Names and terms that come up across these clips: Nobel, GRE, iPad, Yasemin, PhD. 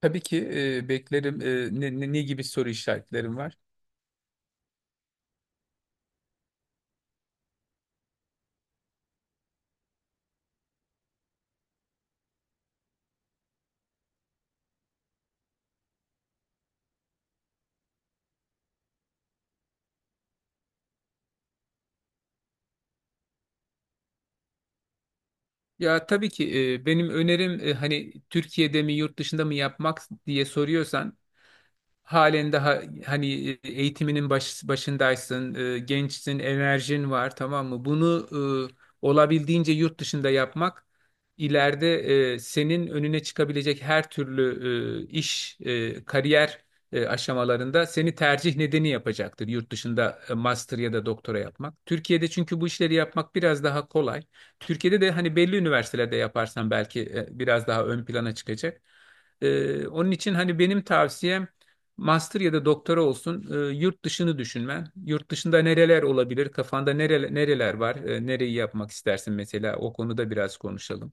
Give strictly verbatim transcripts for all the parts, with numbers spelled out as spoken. Tabii ki e, beklerim. E, ne, ne, ne gibi soru işaretlerim var? Ya tabii ki, e, benim önerim e, hani Türkiye'de mi yurt dışında mı yapmak diye soruyorsan halen daha hani eğitiminin baş, başındaysın, e, gençsin, enerjin var, tamam mı? Bunu e, olabildiğince yurt dışında yapmak ileride e, senin önüne çıkabilecek her türlü e, iş, e, kariyer e, aşamalarında seni tercih nedeni yapacaktır; yurt dışında e, master ya da doktora yapmak. Türkiye'de çünkü bu işleri yapmak biraz daha kolay. Türkiye'de de hani belli üniversitelerde yaparsan belki e, biraz daha ön plana çıkacak. E, onun için hani benim tavsiyem master ya da doktora olsun, e, yurt dışını düşünmen. Yurt dışında nereler olabilir? Kafanda nereler, nereler var? E, nereyi yapmak istersin mesela? O konuda biraz konuşalım.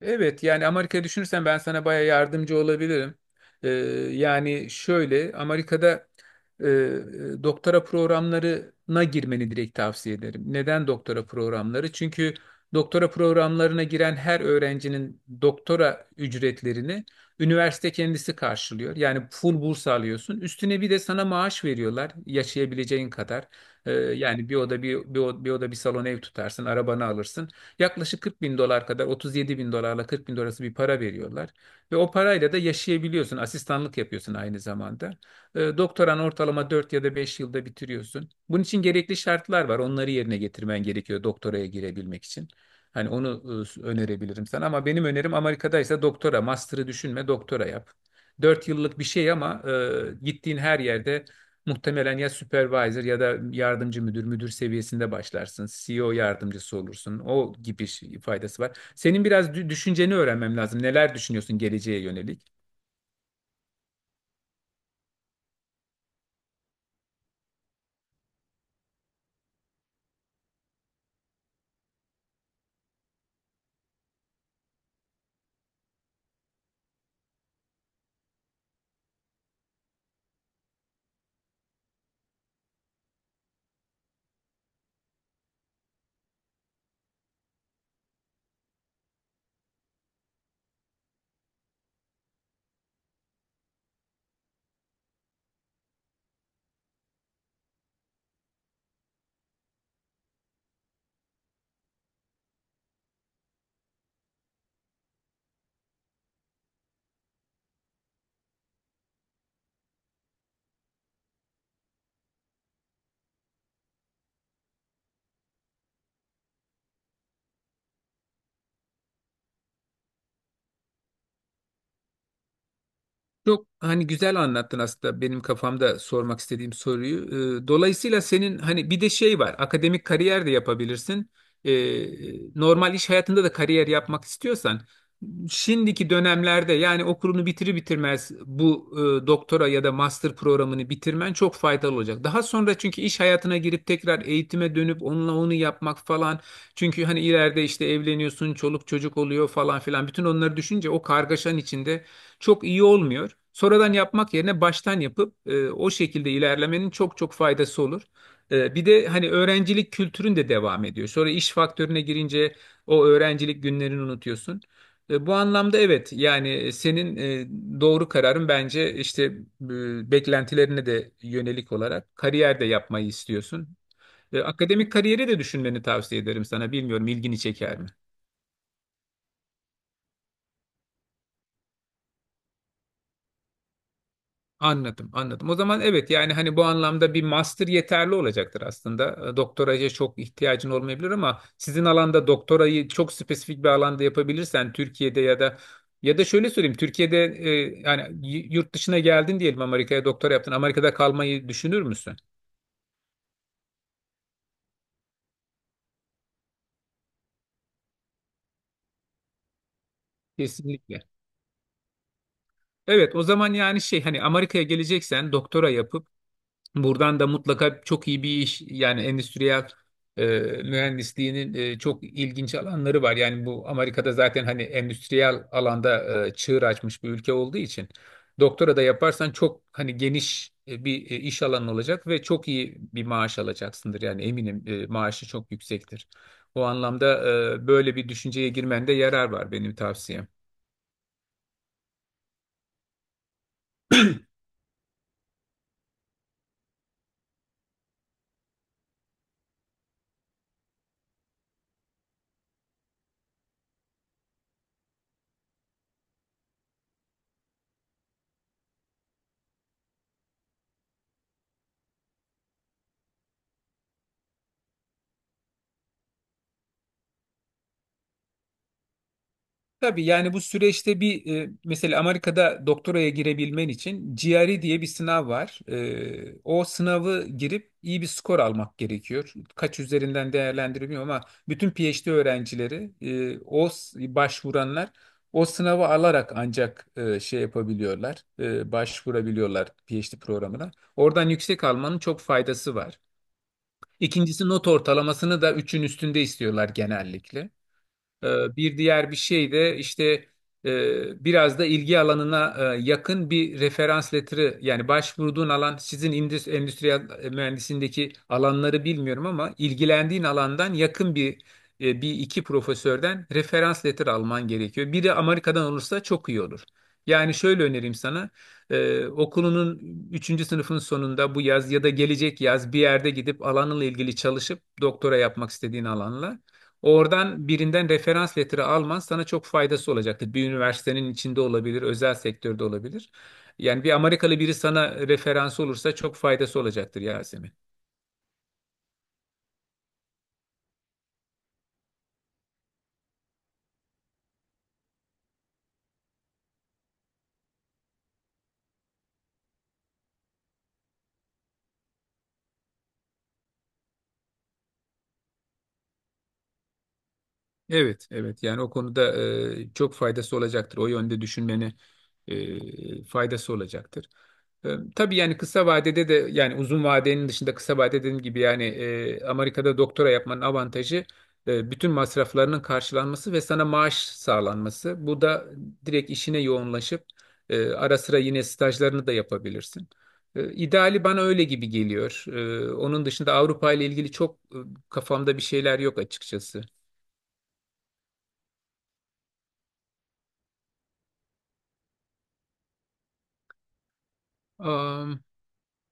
Evet, yani Amerika düşünürsen ben sana baya yardımcı olabilirim. Ee, yani şöyle, Amerika'da e, e, doktora programlarına girmeni direkt tavsiye ederim. Neden doktora programları? Çünkü doktora programlarına giren her öğrencinin doktora ücretlerini üniversite kendisi karşılıyor. Yani full burs alıyorsun. Üstüne bir de sana maaş veriyorlar, yaşayabileceğin kadar. Ee, yani bir oda bir, bir, o- bir oda bir salon ev tutarsın, arabanı alırsın. Yaklaşık kırk bin dolar kadar, otuz yedi bin dolarla kırk bin dolar arası bir para veriyorlar. Ve o parayla da yaşayabiliyorsun. Asistanlık yapıyorsun aynı zamanda. E, doktoran ortalama dört ya da beş yılda bitiriyorsun. Bunun için gerekli şartlar var. Onları yerine getirmen gerekiyor doktoraya girebilmek için. Hani onu e, önerebilirim sana, ama benim önerim Amerika'daysa doktora, master'ı düşünme, doktora yap. Dört yıllık bir şey ama e, gittiğin her yerde muhtemelen ya supervisor ya da yardımcı müdür, müdür seviyesinde başlarsın. C E O yardımcısı olursun. O gibi şey- faydası var. Senin biraz dü- düşünceni öğrenmem lazım. Neler düşünüyorsun geleceğe yönelik? Çok hani güzel anlattın aslında benim kafamda sormak istediğim soruyu. Ee, Dolayısıyla senin hani bir de şey var, akademik kariyer de yapabilirsin. Ee, Normal iş hayatında da kariyer yapmak istiyorsan şimdiki dönemlerde, yani okulunu bitirir bitirmez, bu e, doktora ya da master programını bitirmen çok faydalı olacak. Daha sonra çünkü iş hayatına girip tekrar eğitime dönüp onunla onu yapmak falan. Çünkü hani ileride işte evleniyorsun, çoluk çocuk oluyor falan filan. Bütün onları düşünce o kargaşanın içinde çok iyi olmuyor. Sonradan yapmak yerine baştan yapıp e, o şekilde ilerlemenin çok çok faydası olur. E, bir de hani öğrencilik kültürün de devam ediyor. Sonra iş faktörüne girince o öğrencilik günlerini unutuyorsun. E, bu anlamda evet, yani senin e, doğru kararın, bence işte e, beklentilerine de yönelik olarak kariyer de yapmayı istiyorsun. E, akademik kariyeri de düşünmeni tavsiye ederim sana. Bilmiyorum, ilgini çeker mi? Anladım, anladım. O zaman evet, yani hani bu anlamda bir master yeterli olacaktır aslında. E, Doktoraya çok ihtiyacın olmayabilir, ama sizin alanda doktorayı çok spesifik bir alanda yapabilirsen Türkiye'de ya da, ya da şöyle söyleyeyim, Türkiye'de e, yani y- yurt dışına geldin diyelim, Amerika'ya doktora yaptın. Amerika'da kalmayı düşünür müsün? Kesinlikle. Evet, o zaman yani şey, hani Amerika'ya geleceksen doktora yapıp buradan da mutlaka çok iyi bir iş; yani endüstriyel e, mühendisliğinin e, çok ilginç alanları var. Yani bu, Amerika'da zaten hani endüstriyel alanda e, çığır açmış bir ülke olduğu için doktora da yaparsan çok hani geniş e, bir e, iş alanı olacak ve çok iyi bir maaş alacaksındır. Yani eminim e, maaşı çok yüksektir. O anlamda e, böyle bir düşünceye girmende yarar var, benim tavsiyem. Tabii, yani bu süreçte bir e, mesela Amerika'da doktoraya girebilmen için G R E diye bir sınav var. E, o sınavı girip iyi bir skor almak gerekiyor. Kaç üzerinden değerlendirmiyorum, ama bütün PhD öğrencileri e, o s- başvuranlar o sınavı alarak ancak e, şey yapabiliyorlar, e, başvurabiliyorlar PhD programına. Oradan yüksek almanın çok faydası var. İkincisi, not ortalamasını da üçün üstünde istiyorlar genellikle. Ee, Bir diğer bir şey de işte e, biraz da ilgi alanına e, yakın bir referans letteri; yani başvurduğun alan, sizin indüs- endüstriyel mühendisindeki alanları bilmiyorum, ama ilgilendiğin alandan yakın bir, e, bir iki profesörden referans letteri alman gerekiyor. Biri Amerika'dan olursa çok iyi olur. Yani şöyle önereyim sana, e, okulunun üçüncü sınıfın sonunda, bu yaz ya da gelecek yaz, bir yerde gidip alanınla ilgili çalışıp doktora yapmak istediğin alanla, oradan birinden referans letteri alman sana çok faydası olacaktır. Bir üniversitenin içinde olabilir, özel sektörde olabilir. Yani bir Amerikalı biri sana referans olursa çok faydası olacaktır, Yasemin. Evet, evet. Yani o konuda e, çok faydası olacaktır. O yönde düşünmeni e, faydası olacaktır. E, tabii yani, kısa vadede de, yani uzun vadenin dışında, kısa vade dediğim gibi, yani e, Amerika'da doktora yapmanın avantajı e, bütün masraflarının karşılanması ve sana maaş sağlanması. Bu da direkt işine yoğunlaşıp e, ara sıra yine stajlarını da yapabilirsin. E, İdeali bana öyle gibi geliyor. E, onun dışında Avrupa ile ilgili çok, e, kafamda bir şeyler yok açıkçası.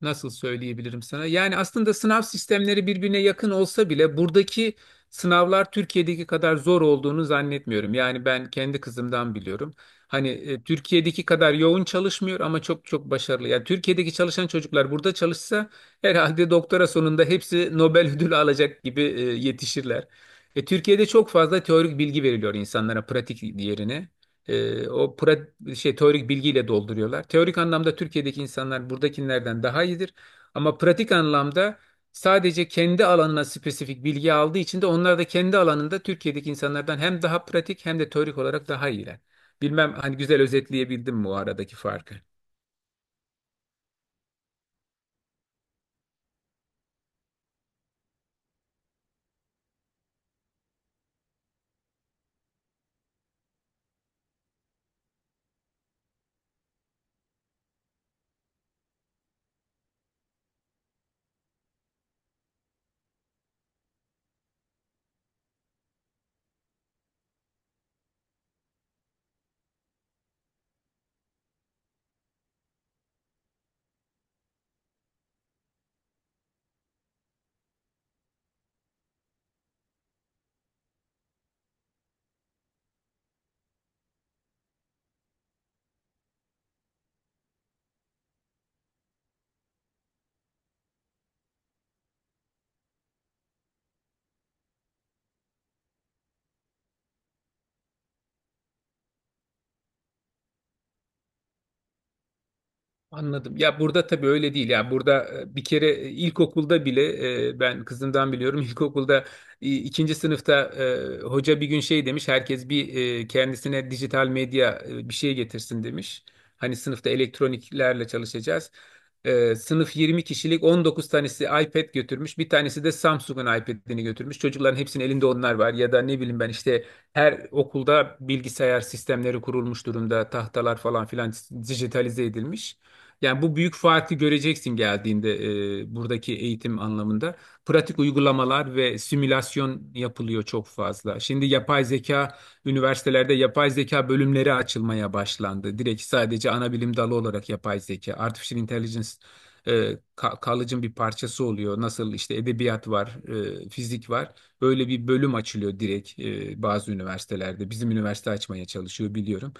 Nasıl söyleyebilirim sana? Yani aslında sınav sistemleri birbirine yakın olsa bile buradaki sınavlar Türkiye'deki kadar zor olduğunu zannetmiyorum. Yani ben kendi kızımdan biliyorum. Hani e, Türkiye'deki kadar yoğun çalışmıyor, ama çok çok başarılı. Yani Türkiye'deki çalışan çocuklar burada çalışsa herhalde doktora sonunda hepsi Nobel ödülü alacak gibi e, yetişirler. E, Türkiye'de çok fazla teorik bilgi veriliyor insanlara pratik yerine. E, o pra- şey teorik bilgiyle dolduruyorlar. Teorik anlamda Türkiye'deki insanlar buradakilerden daha iyidir. Ama pratik anlamda sadece kendi alanına spesifik bilgi aldığı için de onlar da kendi alanında Türkiye'deki insanlardan hem daha pratik hem de teorik olarak daha iyiler. Bilmem hani güzel özetleyebildim mi o aradaki farkı? Anladım. Ya, burada tabii öyle değil. Yani burada e, bir kere, e, ilkokulda bile, e, ben kızımdan biliyorum. İlkokulda e, ikinci sınıfta e, hoca bir gün şey demiş: herkes bir e, kendisine dijital medya e, bir şey getirsin demiş. Hani sınıfta elektroniklerle çalışacağız. E, sınıf yirmi kişilik, on dokuz tanesi iPad götürmüş. Bir tanesi de Samsung'un iPad'ini götürmüş. Çocukların hepsinin elinde onlar var. Ya da ne bileyim ben, işte her okulda bilgisayar sistemleri kurulmuş durumda. Tahtalar falan filan dijitalize edilmiş. Yani bu büyük farkı göreceksin geldiğinde, e, buradaki eğitim anlamında. Pratik uygulamalar ve simülasyon yapılıyor çok fazla. Şimdi yapay zeka, üniversitelerde yapay zeka bölümleri açılmaya başlandı. Direkt sadece ana bilim dalı olarak yapay zeka, artificial intelligence, e, ka- college'ın bir parçası oluyor. Nasıl işte edebiyat var, e, fizik var. Böyle bir bölüm açılıyor direkt, e, bazı üniversitelerde. Bizim üniversite açmaya çalışıyor, biliyorum.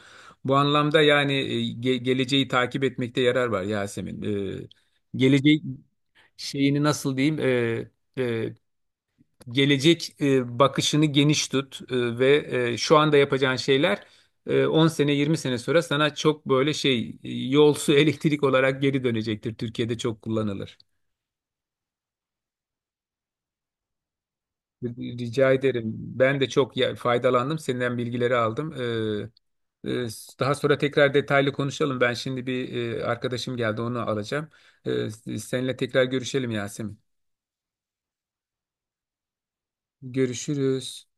Bu anlamda yani, e, ge- geleceği takip etmekte yarar var, Yasemin. Ee, gelecek şeyini nasıl diyeyim? Ee, e, gelecek e, bakışını geniş tut, e, ve e, şu anda yapacağın şeyler e, on sene yirmi sene sonra sana çok böyle şey, e, yol, su, elektrik olarak geri dönecektir. Türkiye'de çok kullanılır. Rica ederim. Ben de çok ya- faydalandım. Senden bilgileri aldım. E, Ee, Daha sonra tekrar detaylı konuşalım. Ben şimdi bir, e, arkadaşım geldi, onu alacağım. Ee, Seninle tekrar görüşelim, Yasemin. Görüşürüz.